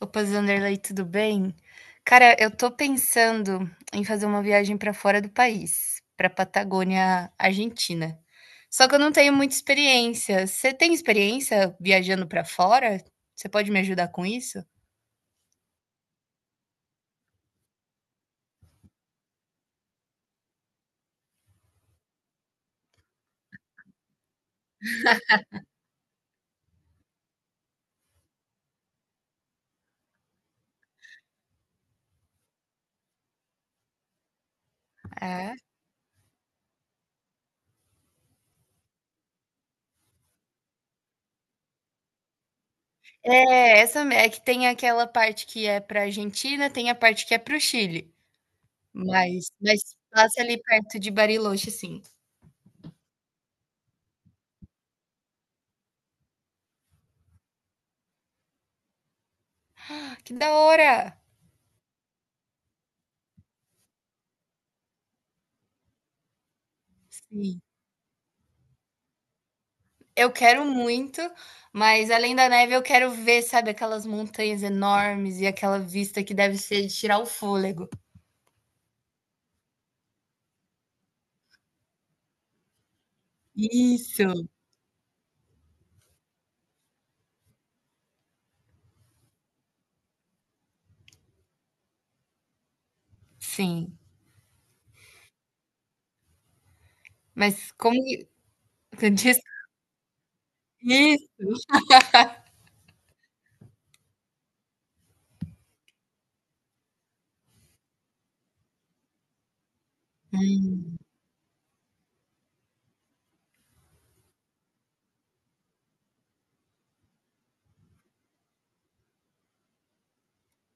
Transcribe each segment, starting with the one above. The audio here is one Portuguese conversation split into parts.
Opa, Zanderlei, tudo bem? Cara, eu tô pensando em fazer uma viagem pra fora do país, pra Patagônia, Argentina. Só que eu não tenho muita experiência. Você tem experiência viajando pra fora? Você pode me ajudar com isso? Ah. É, essa é que tem aquela parte que é pra Argentina, tem a parte que é pro Chile. Mas passa ali perto de Bariloche, sim. Ah, que da hora! Sim. Eu quero muito, mas além da neve eu quero ver, sabe, aquelas montanhas enormes e aquela vista que deve ser de tirar o fôlego. Isso, sim. Mas como que diz isso,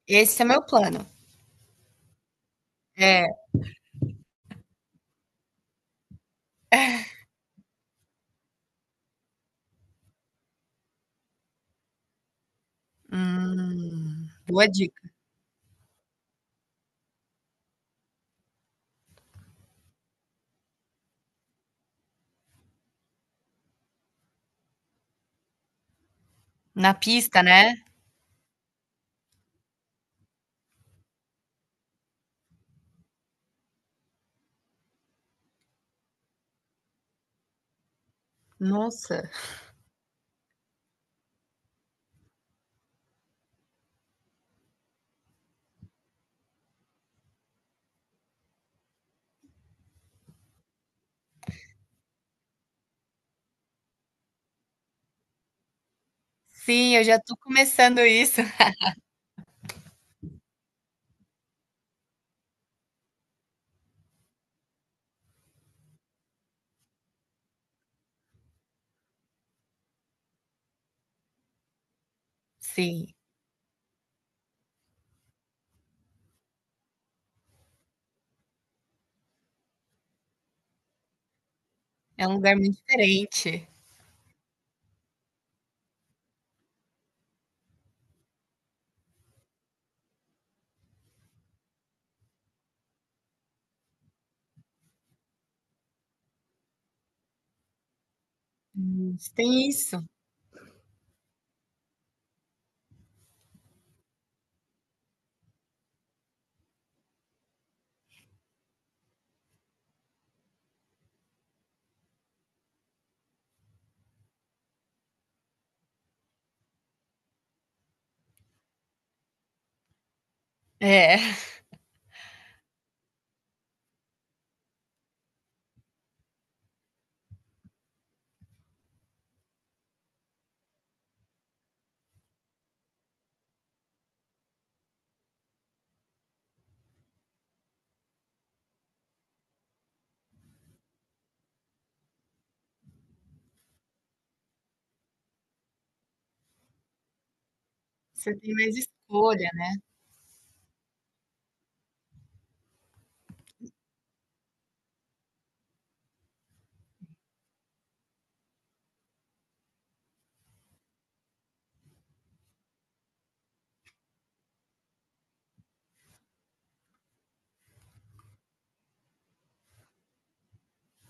esse é meu plano. É, boa dica. Na pista, né? Nossa. Sim, eu já tô começando isso. Sim, é um lugar muito diferente. Tem isso. É, você tem mais escolha,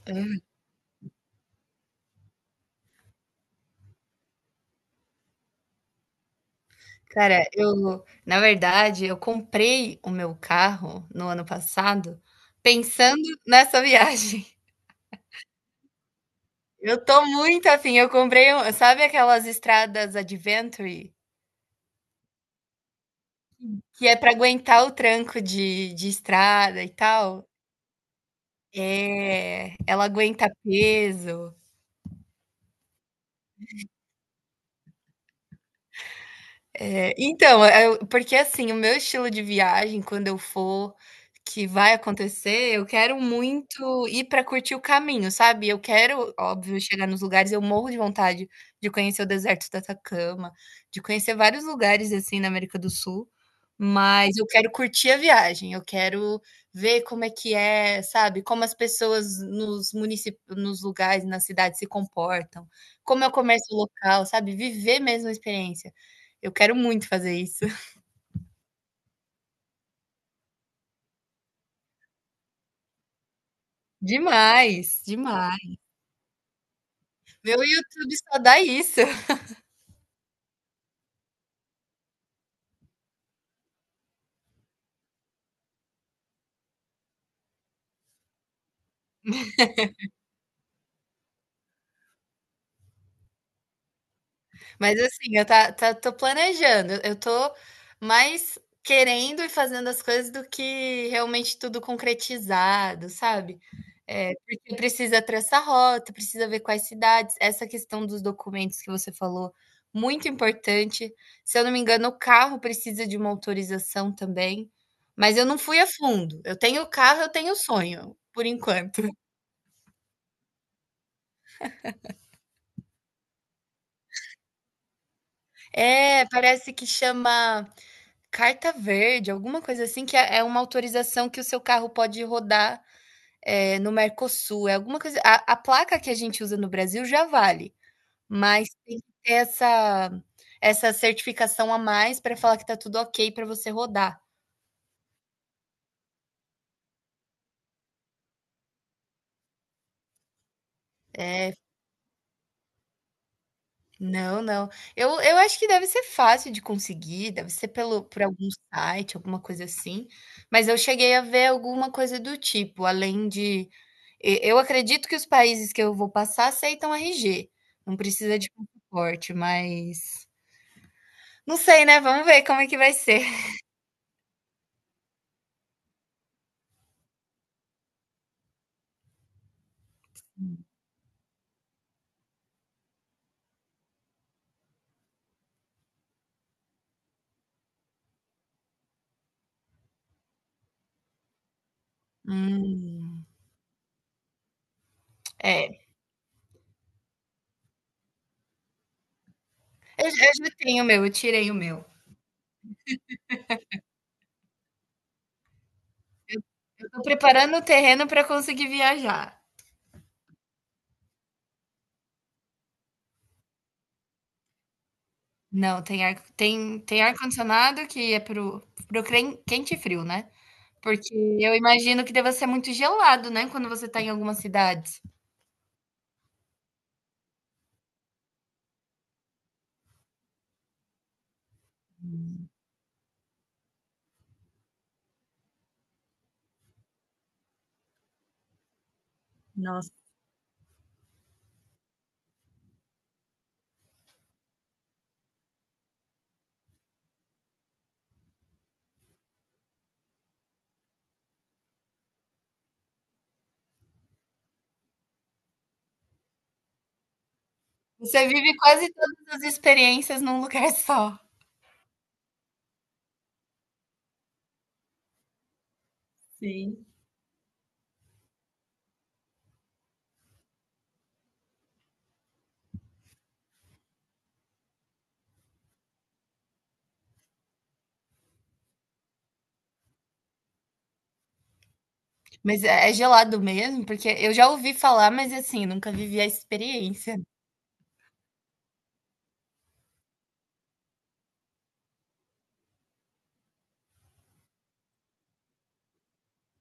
né. Cara, eu na verdade, eu comprei o meu carro no ano passado pensando nessa viagem. Eu tô muito afim, eu comprei um sabe aquelas estradas Adventure, que é pra aguentar o tranco de estrada e tal? É, ela aguenta peso. É, então, é porque assim, o meu estilo de viagem, quando eu for, que vai acontecer, eu quero muito ir para curtir o caminho, sabe. Eu quero, óbvio, chegar nos lugares eu morro de vontade de conhecer o deserto do Atacama, de conhecer vários lugares, assim, na América do Sul, mas eu quero curtir a viagem, eu quero ver como é que é, sabe, como as pessoas nos municípios nos lugares, nas cidades se comportam, como é o comércio local, sabe, viver mesmo a experiência. Eu quero muito fazer isso. Demais, demais. Meu YouTube só dá isso. Mas assim, tô planejando. Eu tô mais querendo e fazendo as coisas do que realmente tudo concretizado, sabe? É, porque precisa traçar rota, precisa ver quais cidades. Essa questão dos documentos que você falou, muito importante. Se eu não me engano, o carro precisa de uma autorização também. Mas eu não fui a fundo. Eu tenho o carro, eu tenho o sonho, por enquanto. É, parece que chama carta verde, alguma coisa assim, que é uma autorização que o seu carro pode rodar, no Mercosul, é alguma coisa a placa que a gente usa no Brasil já vale, mas tem que ter essa certificação a mais pra falar que tá tudo ok pra você rodar. É. Não, não. Eu acho que deve ser fácil de conseguir, deve ser pelo por algum site, alguma coisa assim, mas eu cheguei a ver alguma coisa do tipo, além de e eu acredito que os países que eu vou passar aceitam RG, não precisa de passaporte, mas não sei, né, vamos ver como é que vai ser. Hum, é, eu já tenho o meu, eu tirei o meu. Eu tô preparando o terreno para conseguir viajar. Não, tem ar tem tem ar-condicionado que é pro crem quente e frio, né? Porque eu imagino que deva ser muito gelado, né, quando você está em algumas cidades. Nossa. Você vive quase todas as experiências num lugar só. Sim. Mas é gelado mesmo? Porque eu já ouvi falar, mas assim, nunca vivi a experiência.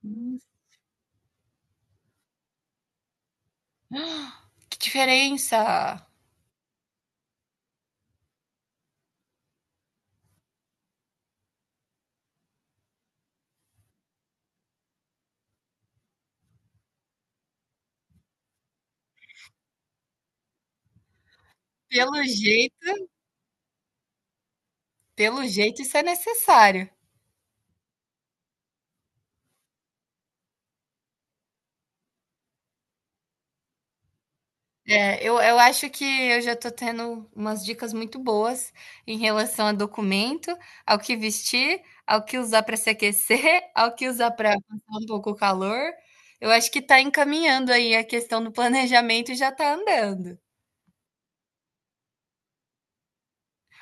Hum, que diferença! Pelo jeito pelo jeito isso é necessário. É, eu acho que eu já estou tendo umas dicas muito boas em relação a documento, ao que vestir, ao que usar para se aquecer, ao que usar para passar um pouco o calor. Eu acho que está encaminhando aí a questão do planejamento e já está andando.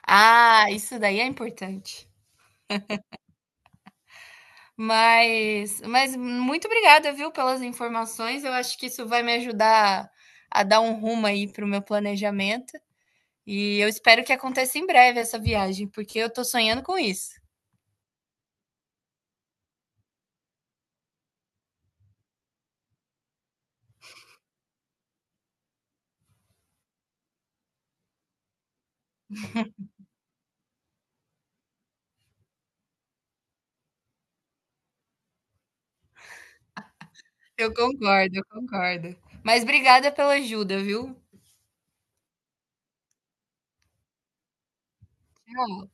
Ah, isso daí é importante. Mas muito obrigada, viu, pelas informações. Eu acho que isso vai me ajudar a dar um rumo aí para o meu planejamento. E eu espero que aconteça em breve essa viagem, porque eu tô sonhando com isso. Eu concordo, eu concordo. Mas obrigada pela ajuda, viu? Tchau.